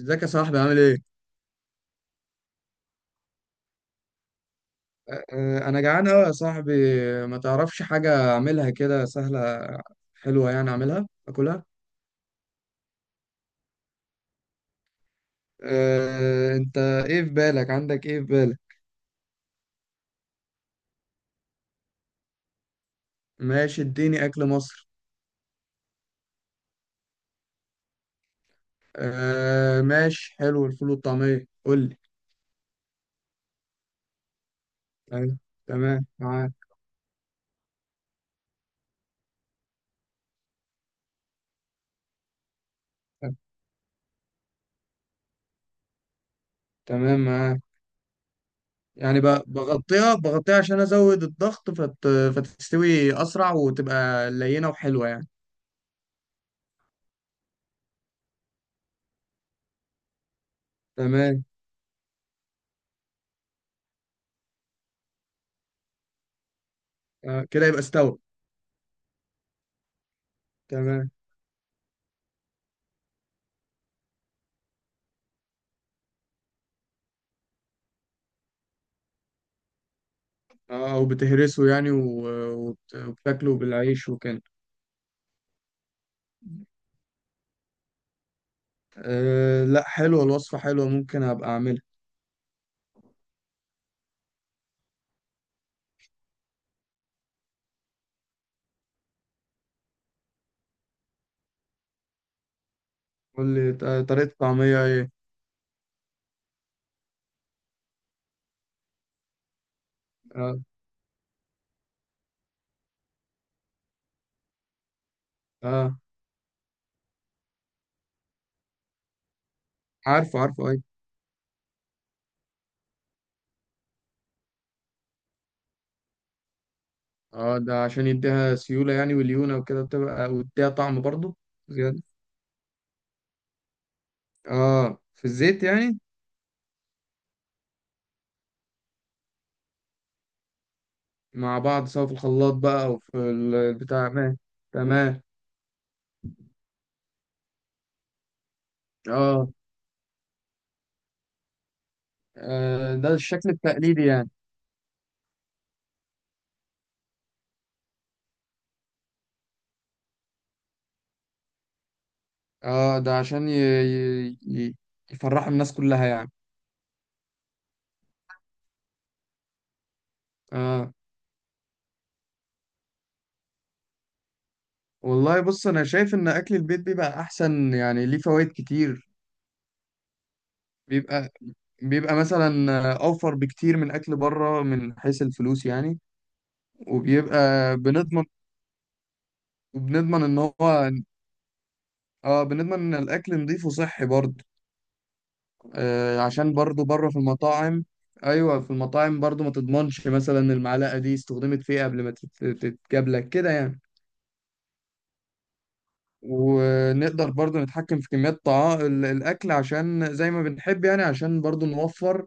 ازيك يا صاحبي عامل ايه؟ أه، انا جعان قوي يا صاحبي. ما تعرفش حاجة اعملها كده سهلة حلوة يعني اعملها اكلها. أه، انت ايه في بالك عندك ايه في بالك؟ ماشي اديني اكل مصر. أه، ماشي حلو الفول والطعمية قول لي. أيوة، تمام معاك. تمام معاك. يعني بغطيها عشان ازود الضغط فتستوي اسرع وتبقى لينة وحلوة يعني. تمام. أه، كده يبقى استوى. تمام. اه وبتهرسه يعني وبتاكله بالعيش وكده. آه لا حلوة الوصفة حلوة ممكن أبقى أعملها. قول لي طريقة الطعمية إيه. آه. آه عارفه عارفه أيوة. آه ده عشان يديها سيولة يعني وليونة وكده بتبقى ويديها طعم برضه. زيادة. آه في الزيت يعني. مع بعض سواء في الخلاط بقى أو في البتاع ما. تمام. آه. آه، ده الشكل التقليدي يعني. آه ده عشان يفرح الناس كلها يعني. آه. والله بص انا شايف ان اكل البيت بيبقى احسن يعني ليه فوائد كتير. بيبقى بيبقى مثلا اوفر بكتير من اكل بره من حيث الفلوس يعني. وبيبقى بنضمن وبنضمن ان هو اه بنضمن ان الاكل نضيف وصحي برضه. آه عشان برضه بره في المطاعم ايوه في المطاعم برضه ما تضمنش مثلا المعلقه دي استخدمت في ايه قبل ما تتجاب لك كده يعني. ونقدر برضه نتحكم في كميات طعام الاكل عشان زي ما بنحب يعني عشان برضه نوفر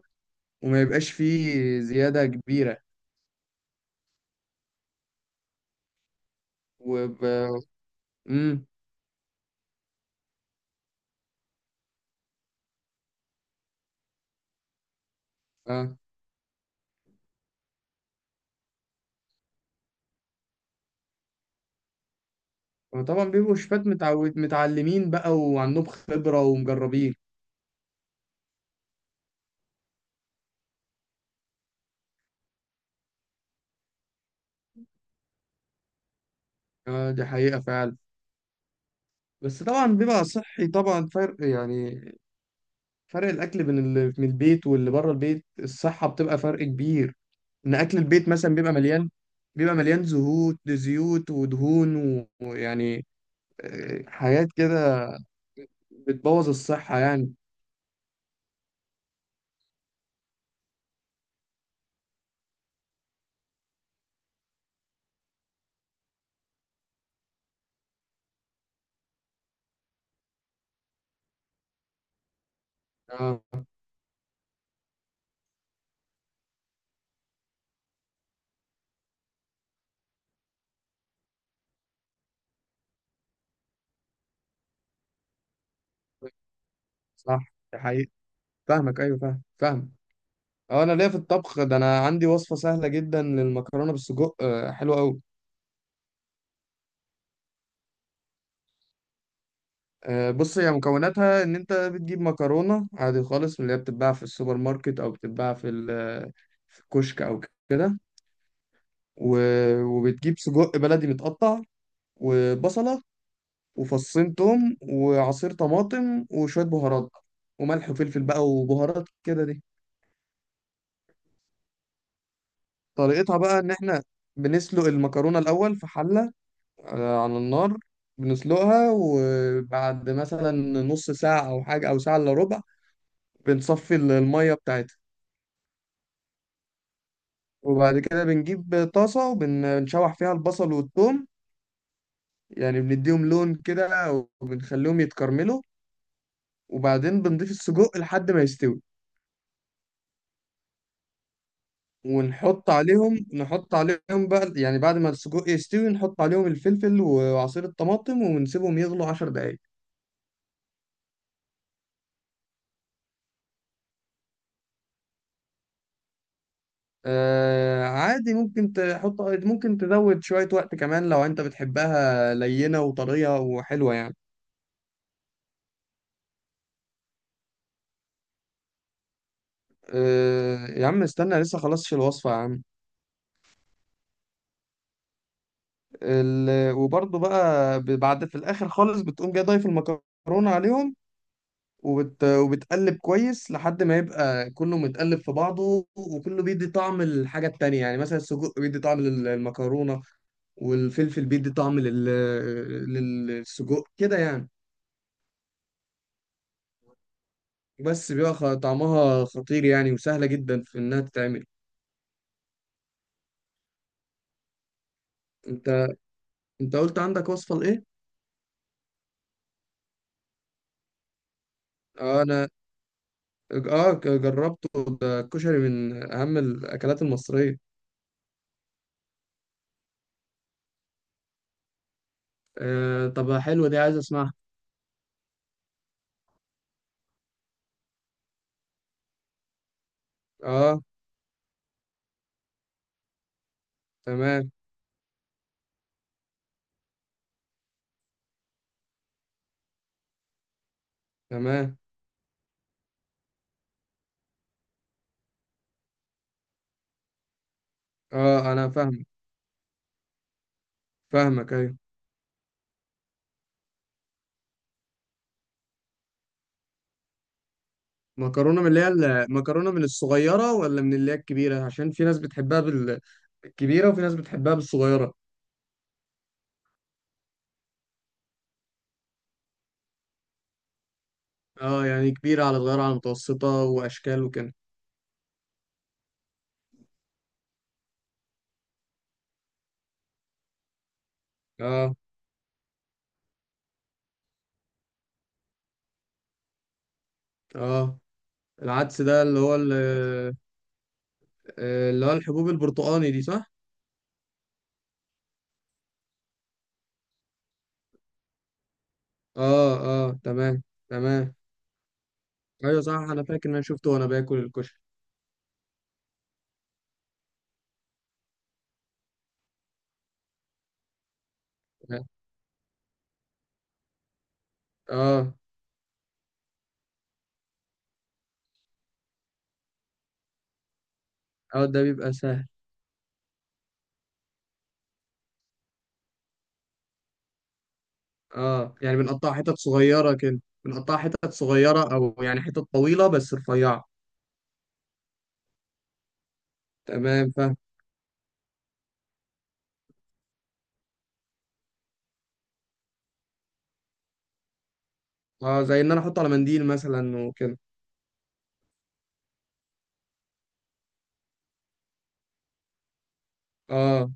وما يبقاش فيه زيادة كبيرة. وب... مم. اه طبعا بيبقوا شفات متعود متعلمين بقى وعندهم خبرة ومجربين. اه دي حقيقة فعلا. بس طبعا بيبقى صحي طبعا فرق يعني. فرق الأكل بين اللي من البيت واللي بره البيت الصحة بتبقى فرق كبير. إن أكل البيت مثلا بيبقى مليان زهوت زيوت ودهون ويعني آه، حاجات كده بتبوظ الصحة يعني. اه صح دي حقيقة فاهمك أيوه فاهم فاهم. اه انا ليا في الطبخ ده انا عندي وصفه سهله جدا للمكرونه بالسجق آه، حلوه قوي. آه، بص هي مكوناتها ان انت بتجيب مكرونه عادي خالص من اللي هي بتتباع في السوبر ماركت او بتتباع في الكشك او كده. وبتجيب سجق بلدي متقطع وبصله وفصين توم وعصير طماطم وشويه بهارات وملح وفلفل بقى وبهارات كده دي. طريقتها بقى ان احنا بنسلق المكرونه الاول في حله. آه، على النار. بنسلقها وبعد مثلا نص ساعة أو حاجة أو ساعة إلا ربع بنصفي المية بتاعتها. وبعد كده بنجيب طاسة وبنشوح فيها البصل والثوم يعني بنديهم لون كده وبنخليهم يتكرملوا. وبعدين بنضيف السجق لحد ما يستوي. ونحط عليهم بقى يعني بعد ما السجق يستوي نحط عليهم الفلفل وعصير الطماطم ونسيبهم يغلوا 10 دقايق. آه عادي ممكن تحط ممكن تزود شوية وقت كمان لو انت بتحبها لينة وطرية وحلوة يعني. آه يا عم استنى لسه خلصش الوصفة يا عم. وبرضه بقى بعد في الآخر خالص بتقوم جاي ضايف المكرونة عليهم وبتقلب كويس لحد ما يبقى كله متقلب في بعضه وكله بيدي طعم الحاجة التانية يعني مثلا السجق بيدي طعم المكرونة والفلفل بيدي طعم للسجق كده يعني. بس بيبقى طعمها خطير يعني وسهلة جدا في إنها تتعمل. أنت أنت قلت عندك وصفة لإيه؟ آه، أنا آه جربته. ده الكشري من أهم الأكلات المصرية. آه طب حلوة دي عايز أسمعها. آه تمام تمام. آه أنا فاهمك فاهمك أيوة. مكرونة من اللي هي المكرونة من الصغيرة ولا من اللي هي الكبيرة عشان في ناس بتحبها بالكبيرة وفي ناس بتحبها بالصغيرة. آه يعني كبيرة على صغيرة على متوسطة وأشكال وكده. آه. آه العدس ده اللي هو آه، اللي هو الحبوب البرتقاني دي صح؟ اه اه تمام تمام. ايوه صح انا فاكر ان انا شفته وانا باكل الكشري. اه. اه ده بيبقى سهل. اه يعني بنقطع حتت صغيرة كده بنقطع حتت صغيرة او يعني حتت طويلة بس رفيعة. تمام فاهم. اه زي ان انا احطه على منديل مثلا وكده. اه.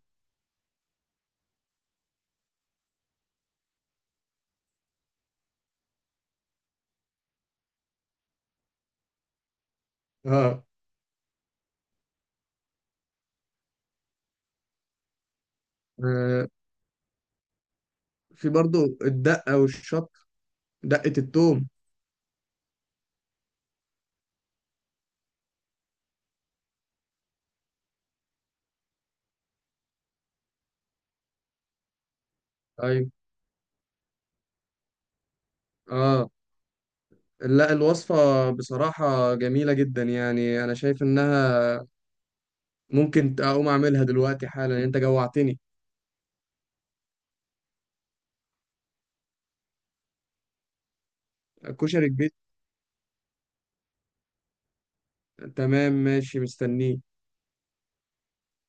اه. آه، في برضو الدقة والشط دقة التوم. ايوه. اه لا الوصفة بصراحة جميلة جدا يعني أنا شايف إنها ممكن أقوم أعملها دلوقتي حالا أنت جوعتني. كشري البيت. تمام ماشي مستنيك.